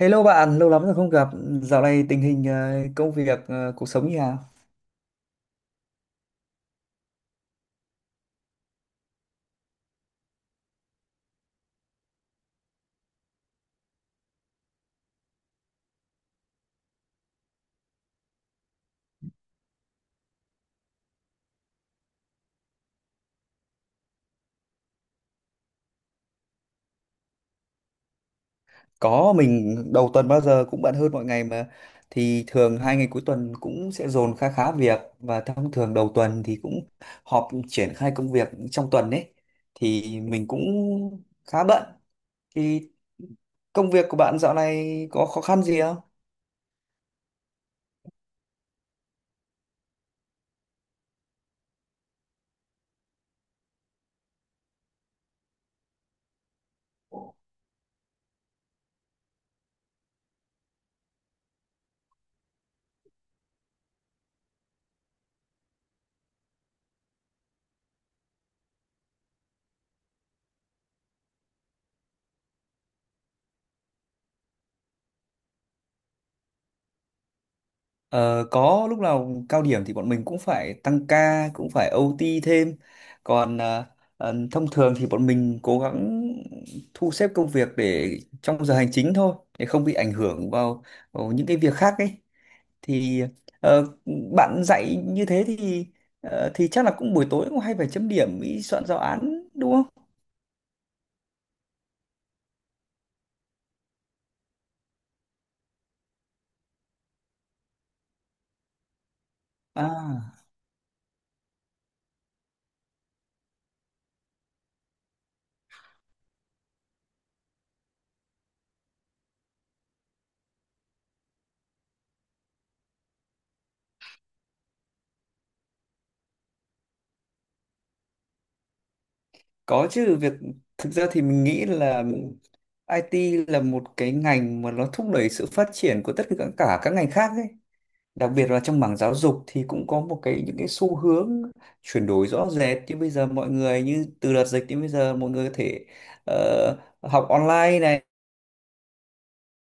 Hello bạn, lâu lắm rồi không gặp. Dạo này tình hình công việc, cuộc sống như nào? Có, mình đầu tuần bao giờ cũng bận hơn mọi ngày mà. Thì thường hai ngày cuối tuần cũng sẽ dồn khá khá việc, và thông thường đầu tuần thì cũng họp triển khai công việc trong tuần ấy. Thì mình cũng khá bận. Thì công việc của bạn dạo này có khó khăn gì? Ờ, có lúc nào cao điểm thì bọn mình cũng phải tăng ca, cũng phải OT thêm. Còn thông thường thì bọn mình cố gắng thu xếp công việc để Trong giờ hành chính thôi, để không bị ảnh hưởng vào những cái việc khác ấy. Thì ờ, bạn dạy như thế thì thì chắc là cũng buổi tối cũng hay phải chấm điểm ý, soạn giáo án đúng không? À. Có chứ. Việc thực ra thì mình nghĩ là IT là một cái ngành mà nó thúc đẩy sự phát triển của tất cả cả các ngành khác ấy. Đặc biệt là trong mảng giáo dục thì cũng có một cái những cái xu hướng chuyển đổi rõ rệt, như bây giờ mọi người như từ đợt dịch đến bây giờ mọi người có thể ờ, học online này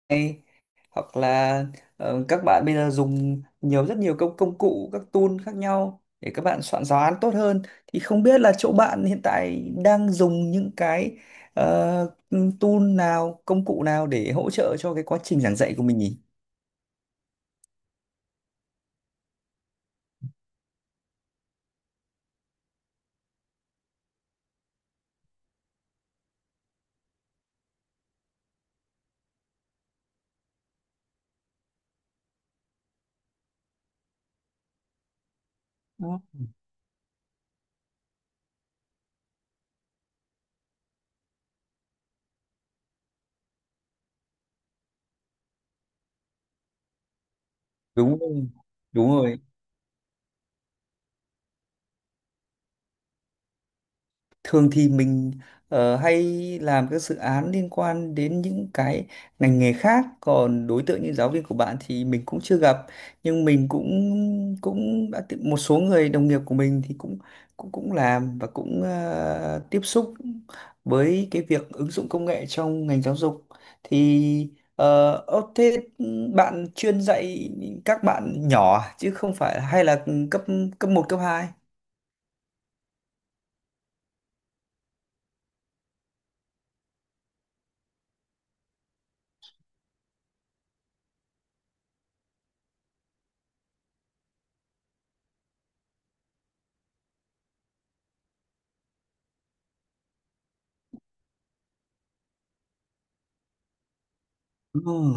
này, hoặc là các bạn bây giờ dùng nhiều, rất nhiều công công cụ, các tool khác nhau để các bạn soạn giáo án tốt hơn. Thì không biết là chỗ bạn hiện tại đang dùng những cái ờ, tool nào, công cụ nào để hỗ trợ cho cái quá trình giảng dạy của mình nhỉ? Đó. Đúng rồi, đúng rồi. Thường thì mình hay làm các dự án liên quan đến những cái ngành nghề khác, còn đối tượng như giáo viên của bạn thì mình cũng chưa gặp. Nhưng mình cũng cũng đã tiếp- một số người đồng nghiệp của mình thì cũng cũng cũng làm và cũng tiếp xúc với cái việc ứng dụng công nghệ trong ngành giáo dục. Thì thế bạn chuyên dạy các bạn nhỏ à? Chứ không phải, hay là cấp cấp một, cấp hai? Đúng.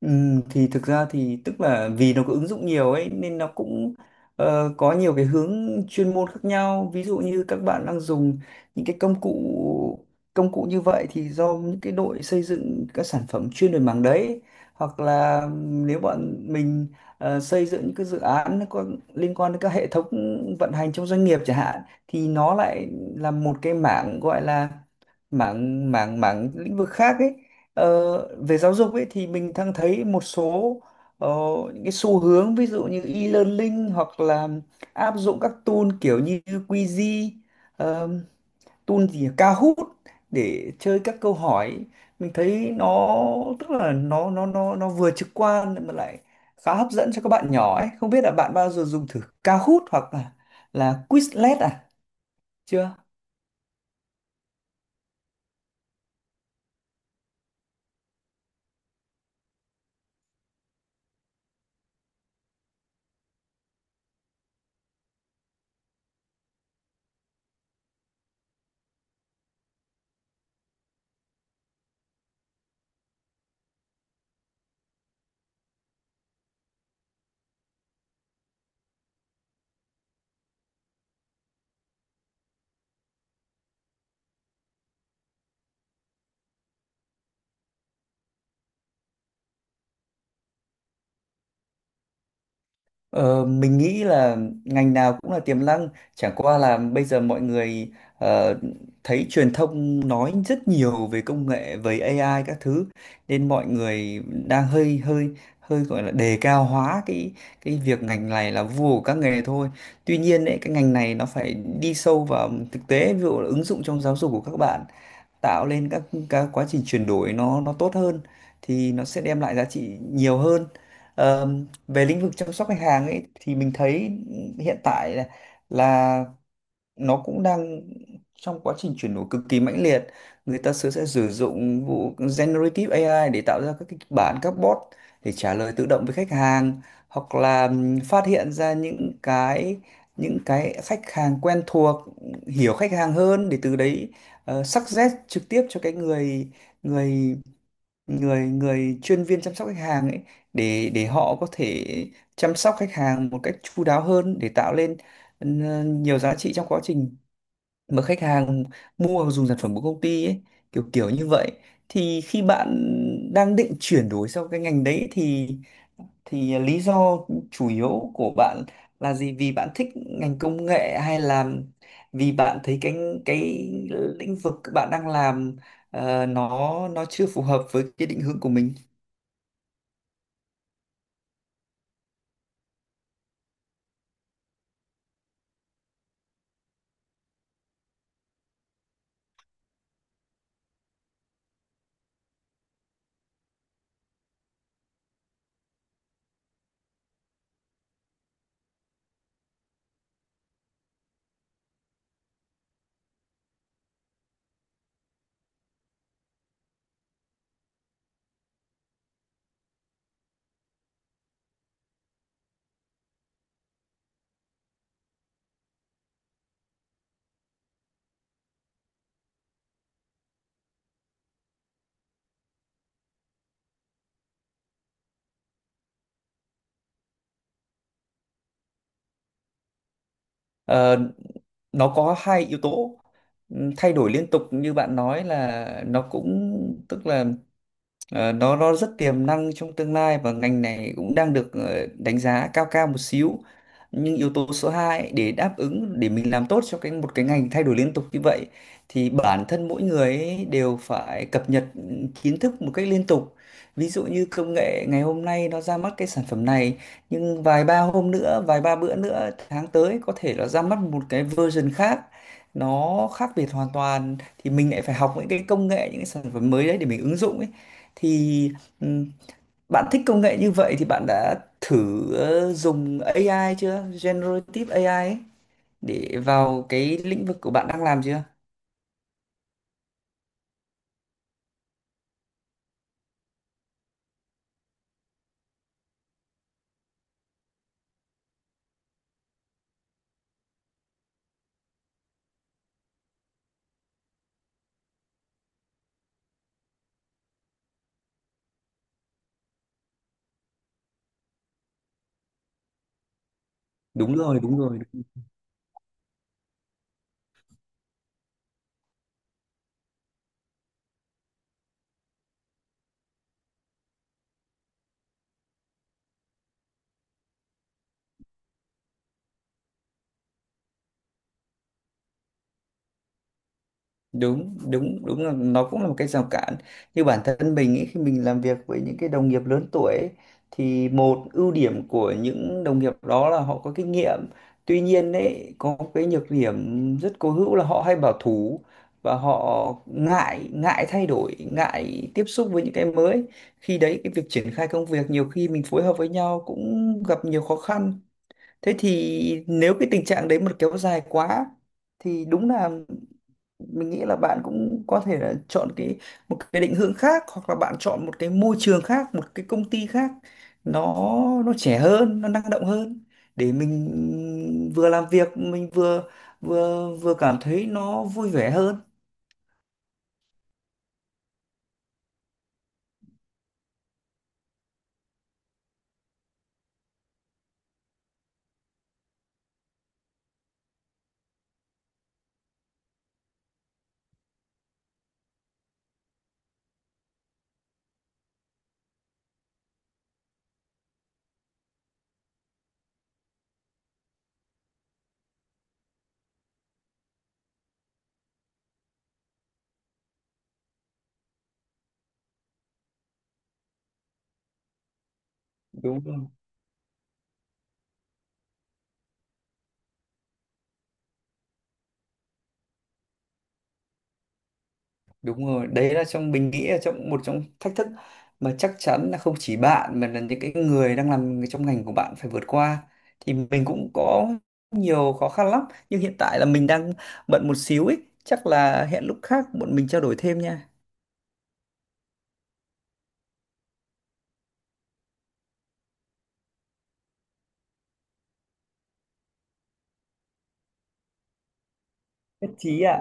Ừ, thì thực ra thì tức là vì nó có ứng dụng nhiều ấy nên nó cũng có nhiều cái hướng chuyên môn khác nhau. Ví dụ như các bạn đang dùng những cái công cụ như vậy thì do những cái đội xây dựng các sản phẩm chuyên về mảng đấy. Hoặc là nếu bọn mình xây dựng những cái dự án nó có liên quan đến các hệ thống vận hành trong doanh nghiệp chẳng hạn, thì nó lại là một cái mảng gọi là mảng mảng mảng lĩnh vực khác ấy. Ờ, về giáo dục ấy thì mình đang thấy một số ờ, những cái xu hướng, ví dụ như e-learning, hoặc là áp dụng các tool kiểu như Quizy, ờ, tool gì nhỉ? Kahoot, để chơi các câu hỏi. Mình thấy nó, tức là nó vừa trực quan mà lại khá hấp dẫn cho các bạn nhỏ ấy. Không biết là bạn bao giờ dùng thử Kahoot hoặc là Quizlet à? Chưa? Ờ, mình nghĩ là ngành nào cũng là tiềm năng, chẳng qua là bây giờ mọi người ờ, thấy truyền thông nói rất nhiều về công nghệ, về AI các thứ, nên mọi người đang hơi hơi hơi gọi là đề cao hóa cái việc ngành này là vua của các nghề thôi. Tuy nhiên ấy, cái ngành này nó phải đi sâu vào thực tế, ví dụ là ứng dụng trong giáo dục của các bạn, tạo lên các quá trình chuyển đổi nó tốt hơn, thì nó sẽ đem lại giá trị nhiều hơn. Ờ, về lĩnh vực chăm sóc khách hàng ấy thì mình thấy hiện tại là nó cũng đang trong quá trình chuyển đổi cực kỳ mãnh liệt. Người ta sẽ sử dụng vụ generative AI để tạo ra các kịch bản, các bot để trả lời tự động với khách hàng. Hoặc là phát hiện ra những cái khách hàng quen thuộc, hiểu khách hàng hơn để từ đấy suggest trực tiếp cho cái người người người người chuyên viên chăm sóc khách hàng ấy, để họ có thể chăm sóc khách hàng một cách chu đáo hơn, để tạo lên ừ, nhiều giá trị trong quá trình mà khách hàng mua dùng sản phẩm của công ty ấy, kiểu kiểu như vậy. Thì khi bạn đang định chuyển đổi sang cái ngành đấy thì lý do chủ yếu của bạn là gì? Vì bạn thích ngành công nghệ, hay là vì bạn thấy cái lĩnh vực bạn đang làm nó chưa phù hợp với cái định hướng của mình? Ờ, nó có 2 yếu tố. Thay đổi liên tục như bạn nói là nó cũng tức là, ờ, nó rất tiềm năng trong tương lai, và ngành này cũng đang được đánh giá cao cao một xíu. Nhưng yếu tố số 2 ấy, để đáp ứng, để mình làm tốt cho cái một cái ngành thay đổi liên tục như vậy, thì bản thân mỗi người ấy đều phải cập nhật kiến thức một cách liên tục. Ví dụ như công nghệ ngày hôm nay nó ra mắt cái sản phẩm này, nhưng vài ba hôm nữa, vài ba bữa nữa, tháng tới có thể nó ra mắt một cái version khác, nó khác biệt hoàn toàn, thì mình lại phải học những cái công nghệ, những cái sản phẩm mới đấy để mình ứng dụng ấy. Thì ừm, bạn thích công nghệ như vậy thì bạn đã thử dùng AI chưa? Generative AI ấy, để vào cái lĩnh vực của bạn đang làm chưa? Đúng rồi, đúng rồi. Đúng đúng đúng, là nó cũng là một cái rào cản. Như bản thân mình ấy, khi mình làm việc với những cái đồng nghiệp lớn tuổi ấy, thì một ưu điểm của những đồng nghiệp đó là họ có kinh nghiệm. Tuy nhiên ấy, có cái nhược điểm rất cố hữu là họ hay bảo thủ và họ ngại ngại thay đổi, ngại tiếp xúc với những cái mới. Khi đấy cái việc triển khai công việc nhiều khi mình phối hợp với nhau cũng gặp nhiều khó khăn. Thế thì nếu cái tình trạng đấy mà kéo dài quá thì đúng là mình nghĩ là bạn cũng có thể là chọn cái một cái định hướng khác, hoặc là bạn chọn một cái môi trường khác, một cái công ty khác, nó nó trẻ hơn, nó năng động hơn, để mình vừa làm việc mình vừa vừa vừa cảm thấy nó vui vẻ hơn. Đúng rồi. Đúng rồi, đấy là trong, mình nghĩ là trong một trong thách thức mà chắc chắn là không chỉ bạn mà là những cái người đang làm trong ngành của bạn phải vượt qua. Thì mình cũng có nhiều khó khăn lắm, nhưng hiện tại là mình đang bận một xíu ấy, chắc là hẹn lúc khác bọn mình trao đổi thêm nha. Nhất trí ạ.